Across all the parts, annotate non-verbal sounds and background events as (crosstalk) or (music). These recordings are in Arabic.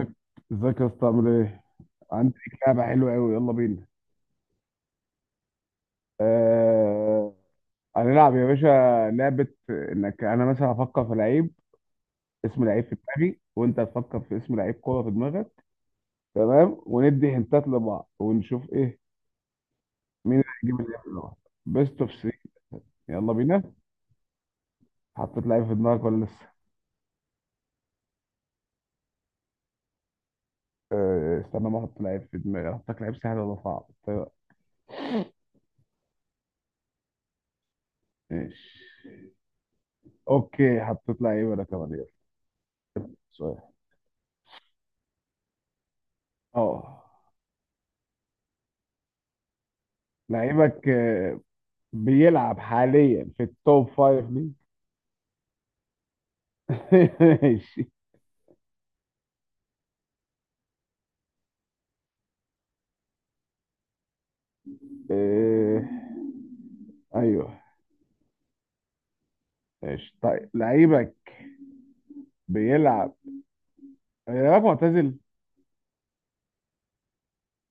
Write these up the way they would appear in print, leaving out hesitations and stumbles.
ازيك. ازيك يا اسطى عامل ايه؟ عندي لعبة حلوة أوي يلا بينا. آه... هنلعب يا باشا لعبة إنك أنا مثلا هفكر في لعيب، اسم لعيب في دماغي وأنت هتفكر في اسم لعيب كورة في دماغك. تمام، وندي هنتات لبعض ونشوف إيه، مين اللي هيجيب اللعيب الأول. بيست أوف 3. يلا بينا. حطيت لعيب في دماغك ولا لسه؟ استنى ما أحط لعيب في دماغي. أحطك لعيب سهل ولا صعب؟ طيب ماشي. أوكي حطيت لعيب أنا كمان. يلا سؤال. أه لعيبك، بيلعب حاليا في التوب فايف ليج؟ (laughs) ماشي. آه، ايوه. ماشي طيب. لعيبك بيلعب؟ لعيبك معتزل؟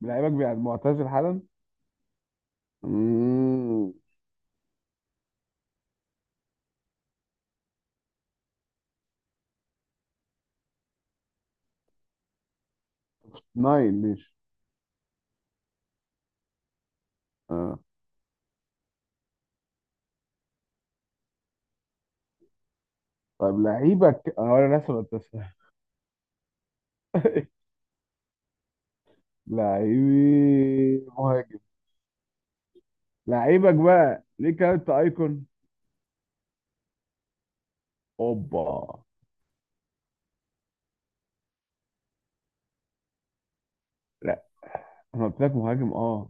لعيبك بيلعب معتزل حالا؟ مم، ناين ماشي. اه طيب لعيبك، انا لسه بتسأل. (laughs) لعيبي مهاجم. لعيبك بقى ليك، انت ايكون؟ اوبا. لا، انا قلت لك مهاجم اه.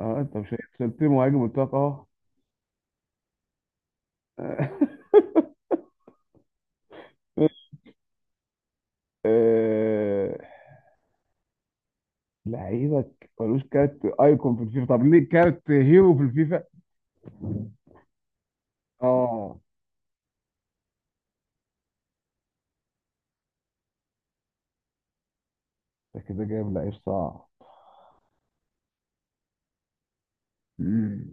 اه انت مش سألتني مهاجم؟ قلت لك اه. (laughs) أه... لعيبك ملوش كارت ايكون في الفيفا، طب ليه كارت هيرو في الفيفا؟ اه ده كده جايب لعيب صعب. مم.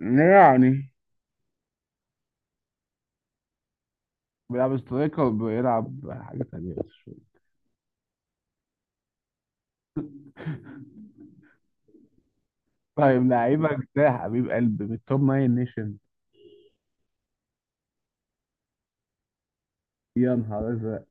يعني بيلعب سترايكر، بيلعب حاجة تانية بس شوية. طيب لعيبك ده حبيب قلبي من التوب ناين نيشن. يا نهار ازرق.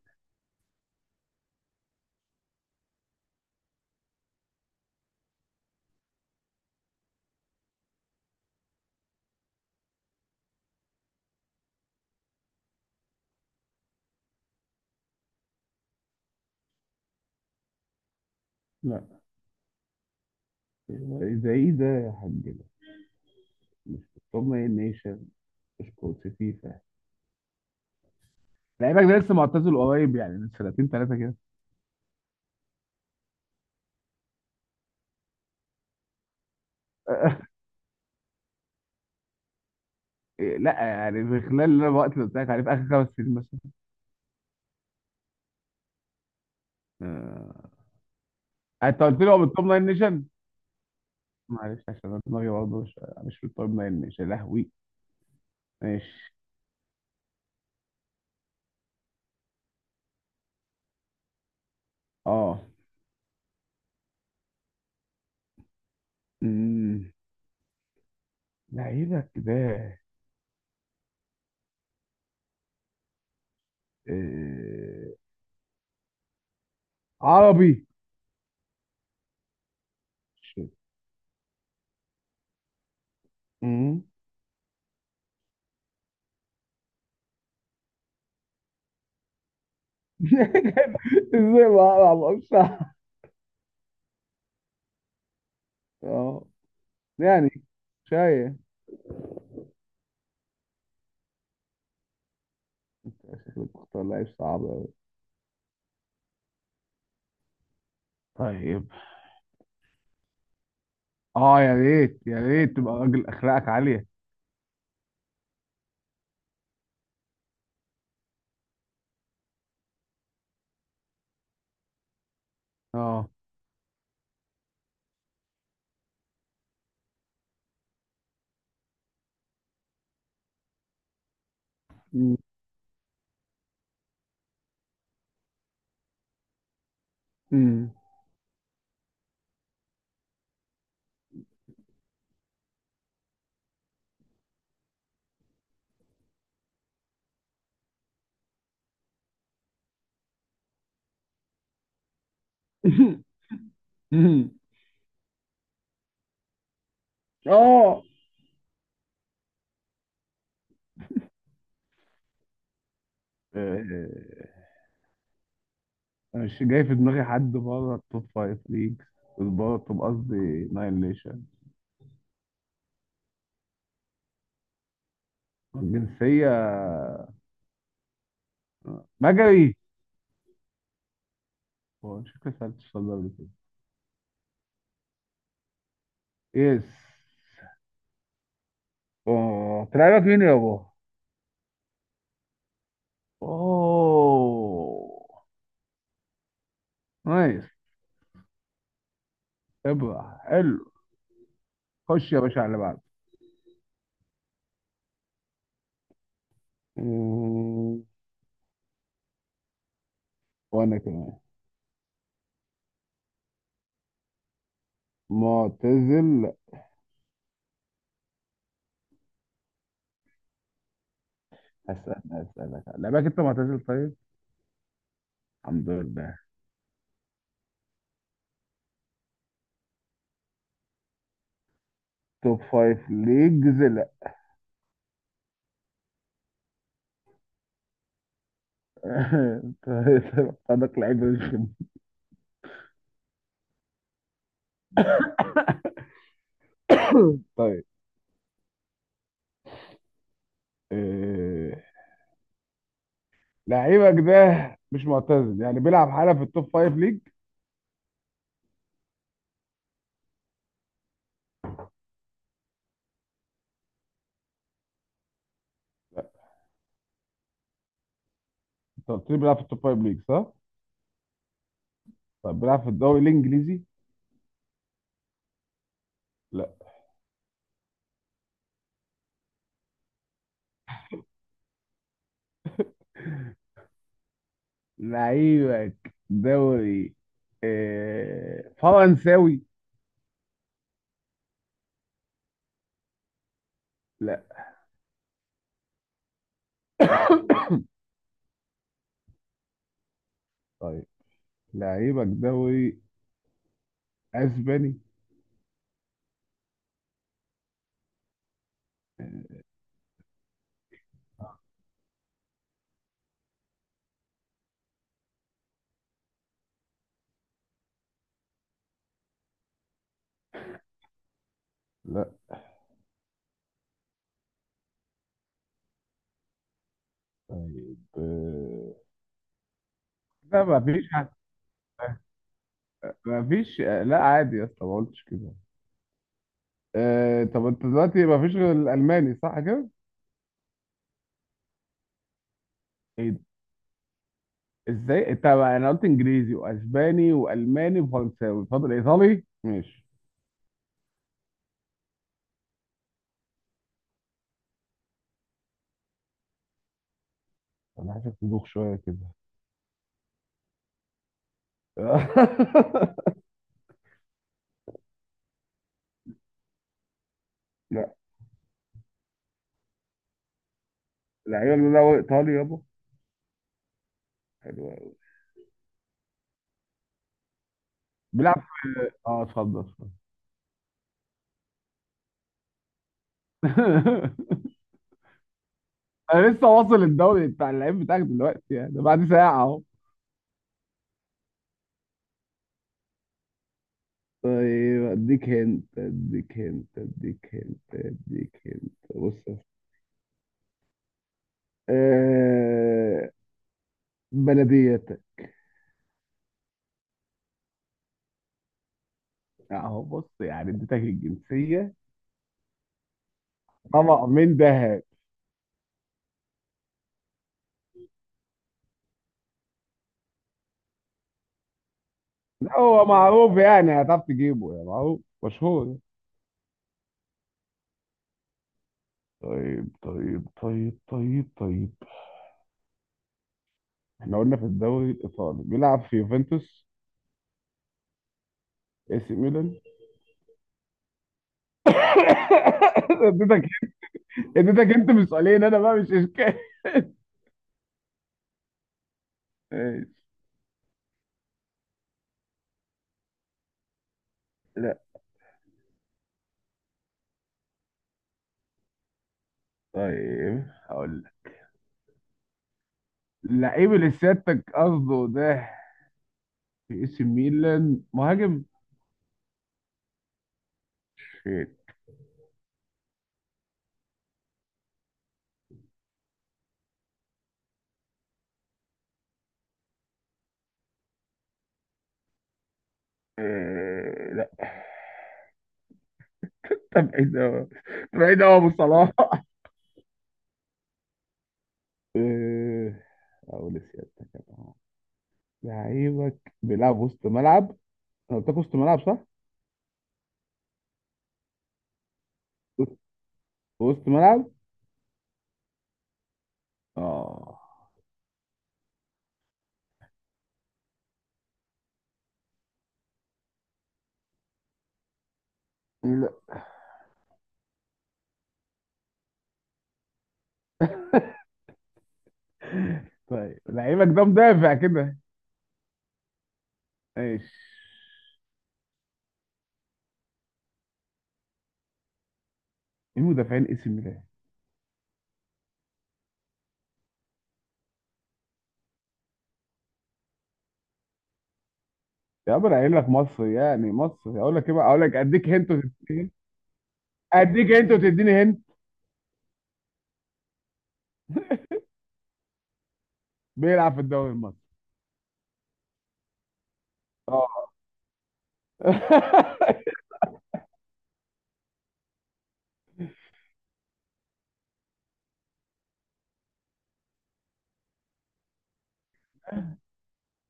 لا ده ايه ده يا حاج، ده مش في التوب ناين نيشن؟ مش كوت فيفا؟ لعيبك ده لسه معتزل قريب، يعني من سنتين ثلاثة كده. إيه، لا يعني في خلال الوقت اللي قلت لك عليه، في اخر خمس سنين مثلا. آه، انت قلت لي هو من التوب 9 نيشن، معلش عشان أنا دماغي برضه مش في التوب 9 نيشن يا لهوي. ماشي اه. أمم، لعيبك ده، آه، عربي؟ شيت. أمم. (laughs) ازاي ما اعرفش؟ اه يعني، شايف، شكلك بتختار لعيب صعب أوي. طيب اه يا ريت يا ريت تبقى راجل اخلاقك عالية. اه أمم. أمم. (laughs) اه آه، انا مش جاي في دماغي حد بره التوب فايف ليجز، بره التوب، قصدي ناين ليشن. الجنسية مجري؟ هو شكلي سألت السؤال ده قبل كده. يس. اه تلعبك مين يا بابا؟ اوه نايس. ابرع حلو. خش يا باشا على اللي بعده. مم، وانا كمان. معتزل. هسألك، هسألك لعبك انت معتزل طيب؟ الحمد لله. توب فايف ليجز. (laughs) خدك لعيب رخم. (coughs) طيب، آه، لعيبك ده مش معتزل؟ يعني بيلعب حالا في التوب فايف ليج؟ انت قلت لي بيلعب في التوب فايف ليج صح؟ طب بيلعب في الدوري الانجليزي؟ لا. لعيبك دوري، آه، فرنساوي؟ لا. (coughs) طيب لعيبك دوري اسباني؟ لا. طيب آه، لا ما فيش حد، ما فيش. لا عادي يا اسطى، ما قلتش كده. آه، طب انت دلوقتي ما فيش غير الالماني صح كده؟ ايه ده؟ ازاي؟ انت، انا قلت انجليزي واسباني والماني وفرنساوي، فاضل ايطالي؟ ماشي. انا عايزك تدوخ شويه كده. (laughs) لا لعيبه اللي هو ايطالي يابا. حلو قوي. بيلعب في اه، اتفضل اتفضل. (laughs) انا لسه واصل الدوري بتاع اللعيب بتاعك دلوقتي، يعني ده بعد ساعه اهو. طيب اديك هنت، اديك هنت، اديك هنت، اديك هنت، بص. آه بلديات. اهو بص، يعني اديتك الجنسيه، طبق من دهب. هو معروف يعني، هتعرف تجيبه، يعني معروف مشهور. طيب طيب طيب طيب طيب، احنا قلنا في الدوري الايطالي، بيلعب في يوفنتوس؟ اي سي ميلان؟ (laughs) اديتك، اديتك انت من سؤالين، انا بقى مش اشكال. ماشي. لا طيب هقول لك، اللعيب اللي سيادتك قصده ده، في اي سي ميلان مهاجم. شيت. آه، لا ده بعيد قوي، بعيد قوي ابو صلاح. إيه، اقول سيادتك أنا. لعيبك بيلعب وسط ملعب؟ انا قلت لك وسط ملعب صح؟ وسط، وسط ملعب؟ اه. لا طيب لعيبك ده مدافع كده؟ ماشي. ايه مدافعين اسم ميلان؟ يا عم انا قايل لك مصر، يعني مصر. اقول لك ايه بقى، اقول لك اديك هنت وتديني هنت؟ اديك هنت وتديني هنت. بيلعب في الدوري المصري. اه (laughs)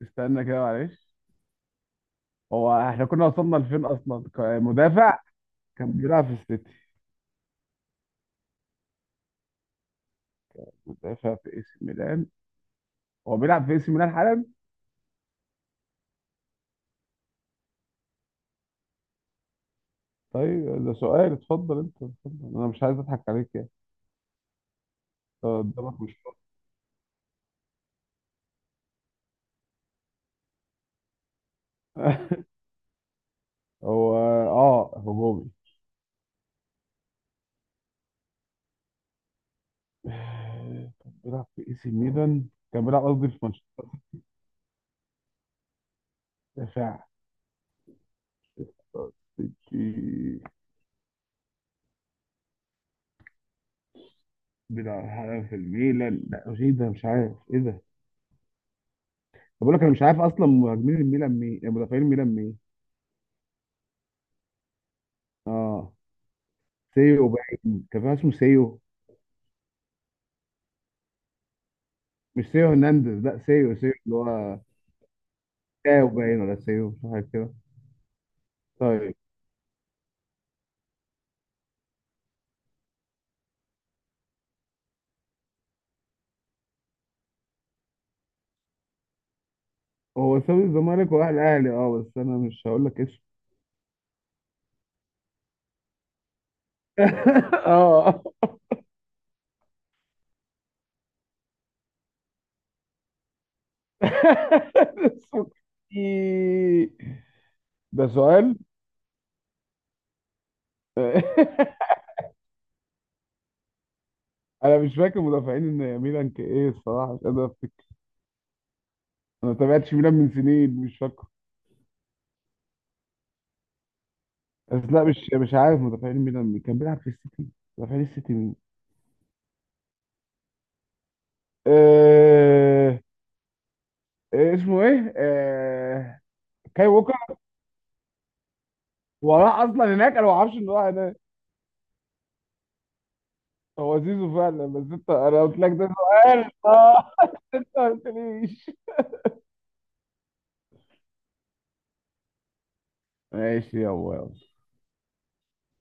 استنى كده معلش، هو احنا كنا وصلنا لفين اصلا، مدافع. كان بيلعب في السيتي. مدافع في اي سي ميلان. هو بيلعب في اي سي ميلان حالا. طيب ده سؤال، اتفضل انت اتفضل، انا مش عايز اضحك عليك يعني. أنت قدامك مش (laughs) هو، اه هجومي. آه، كان بيلعب في اي سي ميلان، كان بيلعب قصدي في مانشستر. دفاع في- بيلعب حالا في الميلان؟ لا ايه ده، مش عارف ايه ده. طب بقول لك انا مش عارف اصلا مهاجمين الميلان مين، يعني مدافعين الميلان مين. اه سيو باين، كان في واحد اسمه سيو. مش سيو هرنانديز، لا سيو، سيو اللي هو ساو باين، ولا سيو مش عارف كده. طيب، هو ساب الزمالك وراح الاهلي اه، بس انا مش هقول لك اسم. (laughs) اه (laughs) سوكي. ده سؤال. (laughs) انا مش فاكر مدافعين ان ميلان كان ايه، الصراحه مش قادر افتكر. انا ما تابعتش ميلان من سنين، مش فاكر. بس لا مش، عارف مدافعين ميلان مين. كان بيلعب في السيتي، مدافعين السيتي مين؟ آه... آه، اسمه ايه، آه... كاي ووكر. هو راح اصلا هناك، انا ما اعرفش ان هو راح هناك. هو زيزو فعلا، بس انت انا قلت لك ده سؤال آه. انت ليش؟ ماشي يابا يلا.